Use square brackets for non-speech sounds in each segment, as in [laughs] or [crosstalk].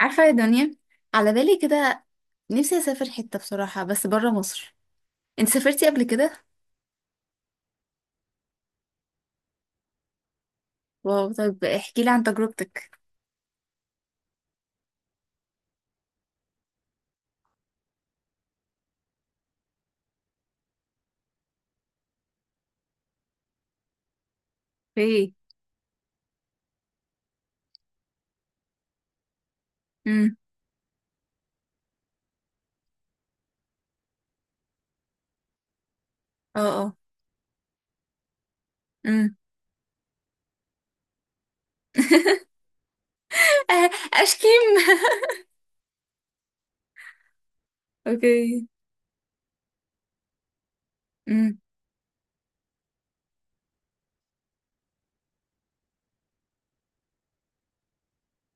عارفة يا دنيا، على بالي كده. نفسي أسافر حتة بصراحة، بس برا مصر. انت سافرتي قبل كده؟ واو، طيب احكي لي عن تجربتك. ايه. امم. اه، اه. امم. [laughs] آه، اشكيم. اوكي. امم.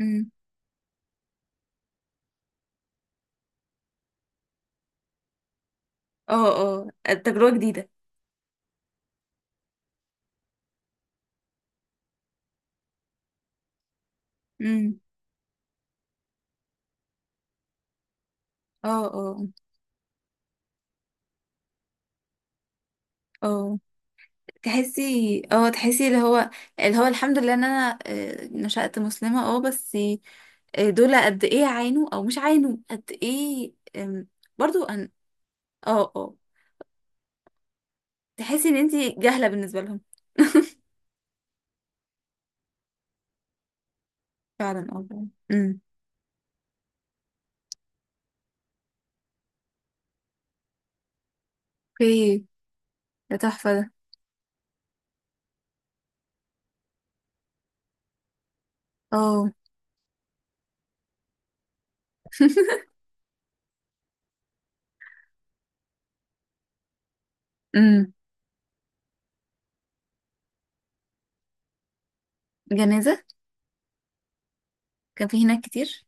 امم. اه، اه. تجربة جديدة. امم. اه، اه، اه. تحسي اللي هو الحمد لله ان انا نشأت مسلمة، اه، بس دول قد ايه عانوا او مش عانوا قد ايه، برضو ان. اه، اه. تحسي ان انتي جاهلة بالنسبة لهم. [laughs] فعلا والله. امم. اوكي. ده تحفة ده. اه. امم. جنازة. كان في هناك كتير.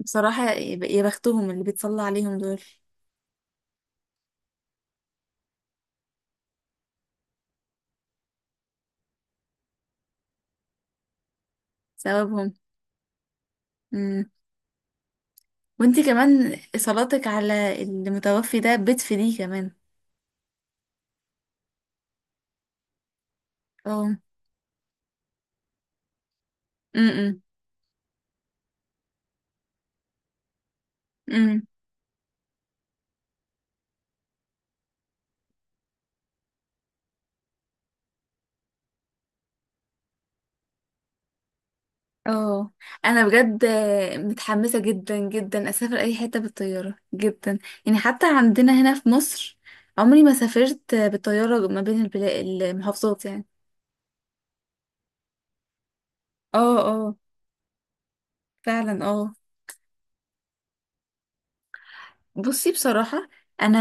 بصراحة يا بختهم اللي بيتصلى عليهم دول. ثوابهم. امم. وانتي كمان صلاتك على المتوفي ده بتفيديه كمان. اه. امم. اه. انا بجد متحمسه جدا جدا اسافر اي حته بالطياره جدا. يعني حتى عندنا هنا في مصر عمري ما سافرت بالطياره ما بين البلاد، المحافظات يعني. اه، اه. فعلا، اه. بصي بصراحه. انا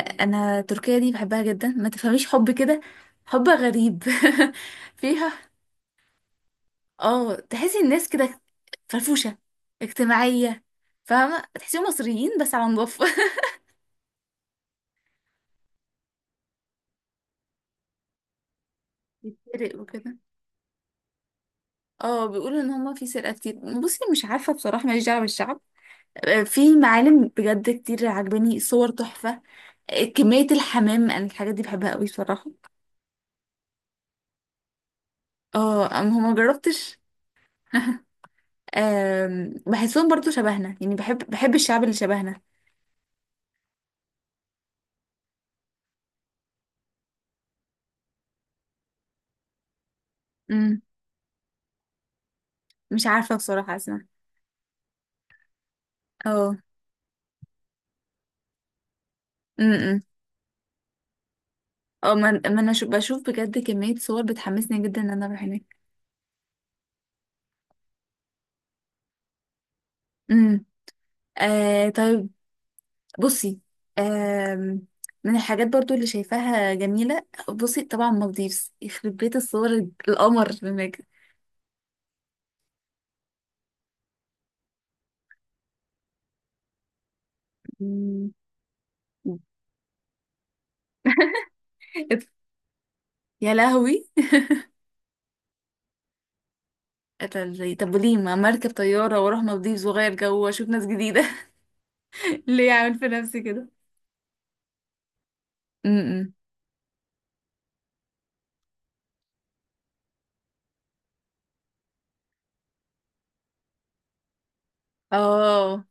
انا تركيا دي بحبها جدا، ما تفهميش حب كده. حب غريب. [laughs] فيها. اه، تحسي الناس كده فرفوشه، اجتماعيه. فاهمه، تحسيهم مصريين بس على نضافه. [laughs] يتفرق وكده. اه، بيقولوا ان هما في سرقة كتير. بصي مش عارفة بصراحة، ماليش دعوة بالشعب. في معالم بجد كتير عجباني، صور تحفة. كمية الحمام، انا الحاجات دي بحبها قوي بصراحة. اه اما هما جربتش. [laughs] بحسهم برضو شبهنا، يعني بحب الشعب اللي شبهنا. امم. مش عارفة بصراحة، اسمع. اه. امم. اه ما انا بشوف بجد كمية صور بتحمسني جدا ان انا اروح هناك. امم. آه، طيب. بصي. آم، من الحاجات برضو اللي شايفاها جميلة، بصي طبعا مالديفز يخرب بيت الصور. القمر هناك. مم. يا لهوي. طب وليه ما مركب طيارة واروح مالديفز واغير جو واشوف ناس جديدة؟ [laughs] ليه اعمل في نفسي كده؟ امم. اه،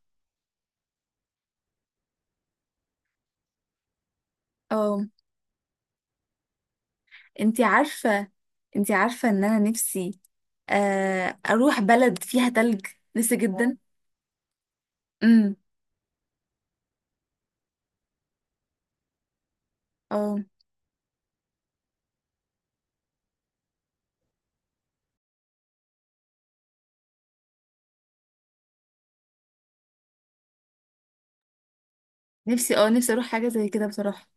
اه. انتي عارفة انتي عارفة ان انا نفسي اروح بلد فيها تلج. نفسي جدا. امم. اه، نفسي اروح حاجة زي كده بصراحة.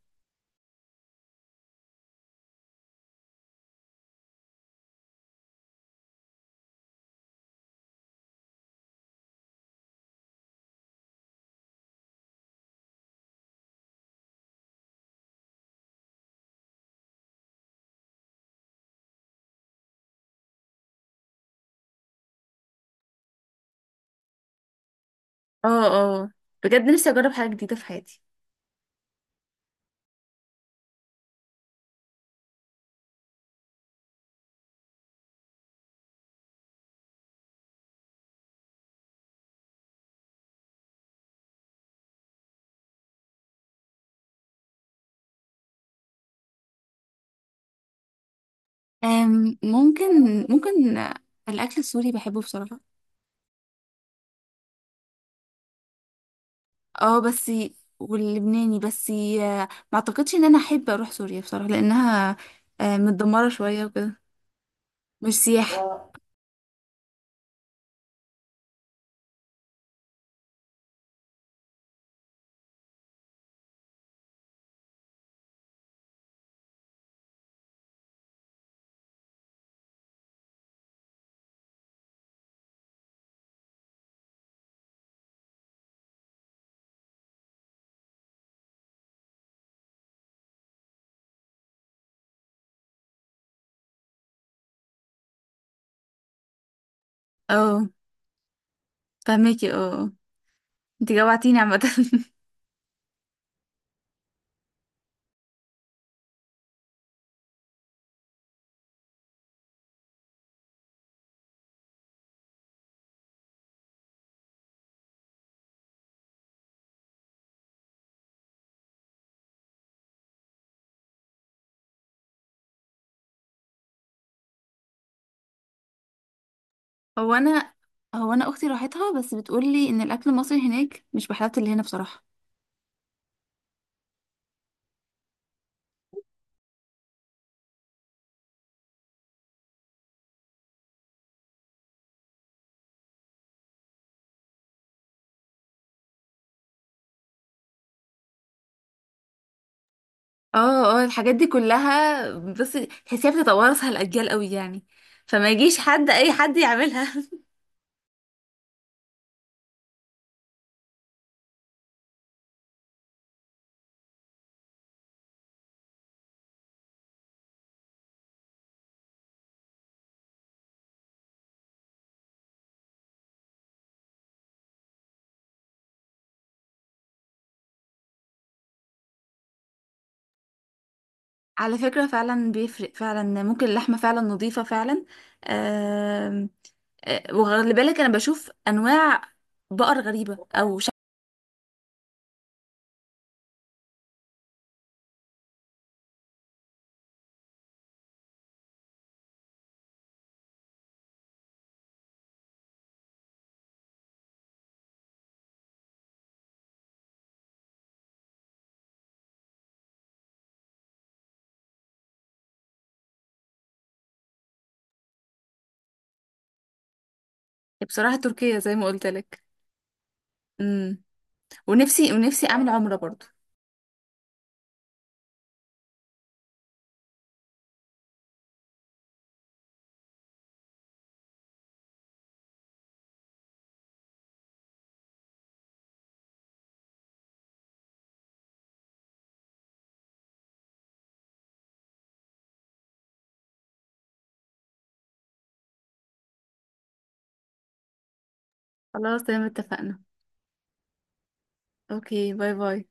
اه، اه. بجد نفسي اجرب حاجه جديده في حياتي. ممكن ممكن. الاكل السوري بحبه بصراحه. اه، بس. واللبناني بس. ما اعتقدش ان انا احب اروح سوريا بصراحه لانها متدمره شويه وكده. مش سياحه. اه، فهميكي. اه، آه. انت جوعتيني عامه. [laughs] هو انا هو انا اختي راحتها، بس بتقولي ان الاكل المصري هناك مش بحلاوه اللي هنا بصراحه. اه، اه، الحاجات دي كلها. بس تحسيها بتتوارثها الأجيال قوي يعني. فما يجيش حد أي حد يعملها. [laughs] على فكرة فعلا بيفرق، فعلا ممكن اللحمة فعلا نظيفة فعلا. آم، وخلي بالك أنا بشوف أنواع بقر غريبة أو شكل. بصراحة تركيا زي ما قلت لك. امم. ونفسي أعمل عمرة برضو. خلاص تمام اتفقنا. أوكي، باي باي.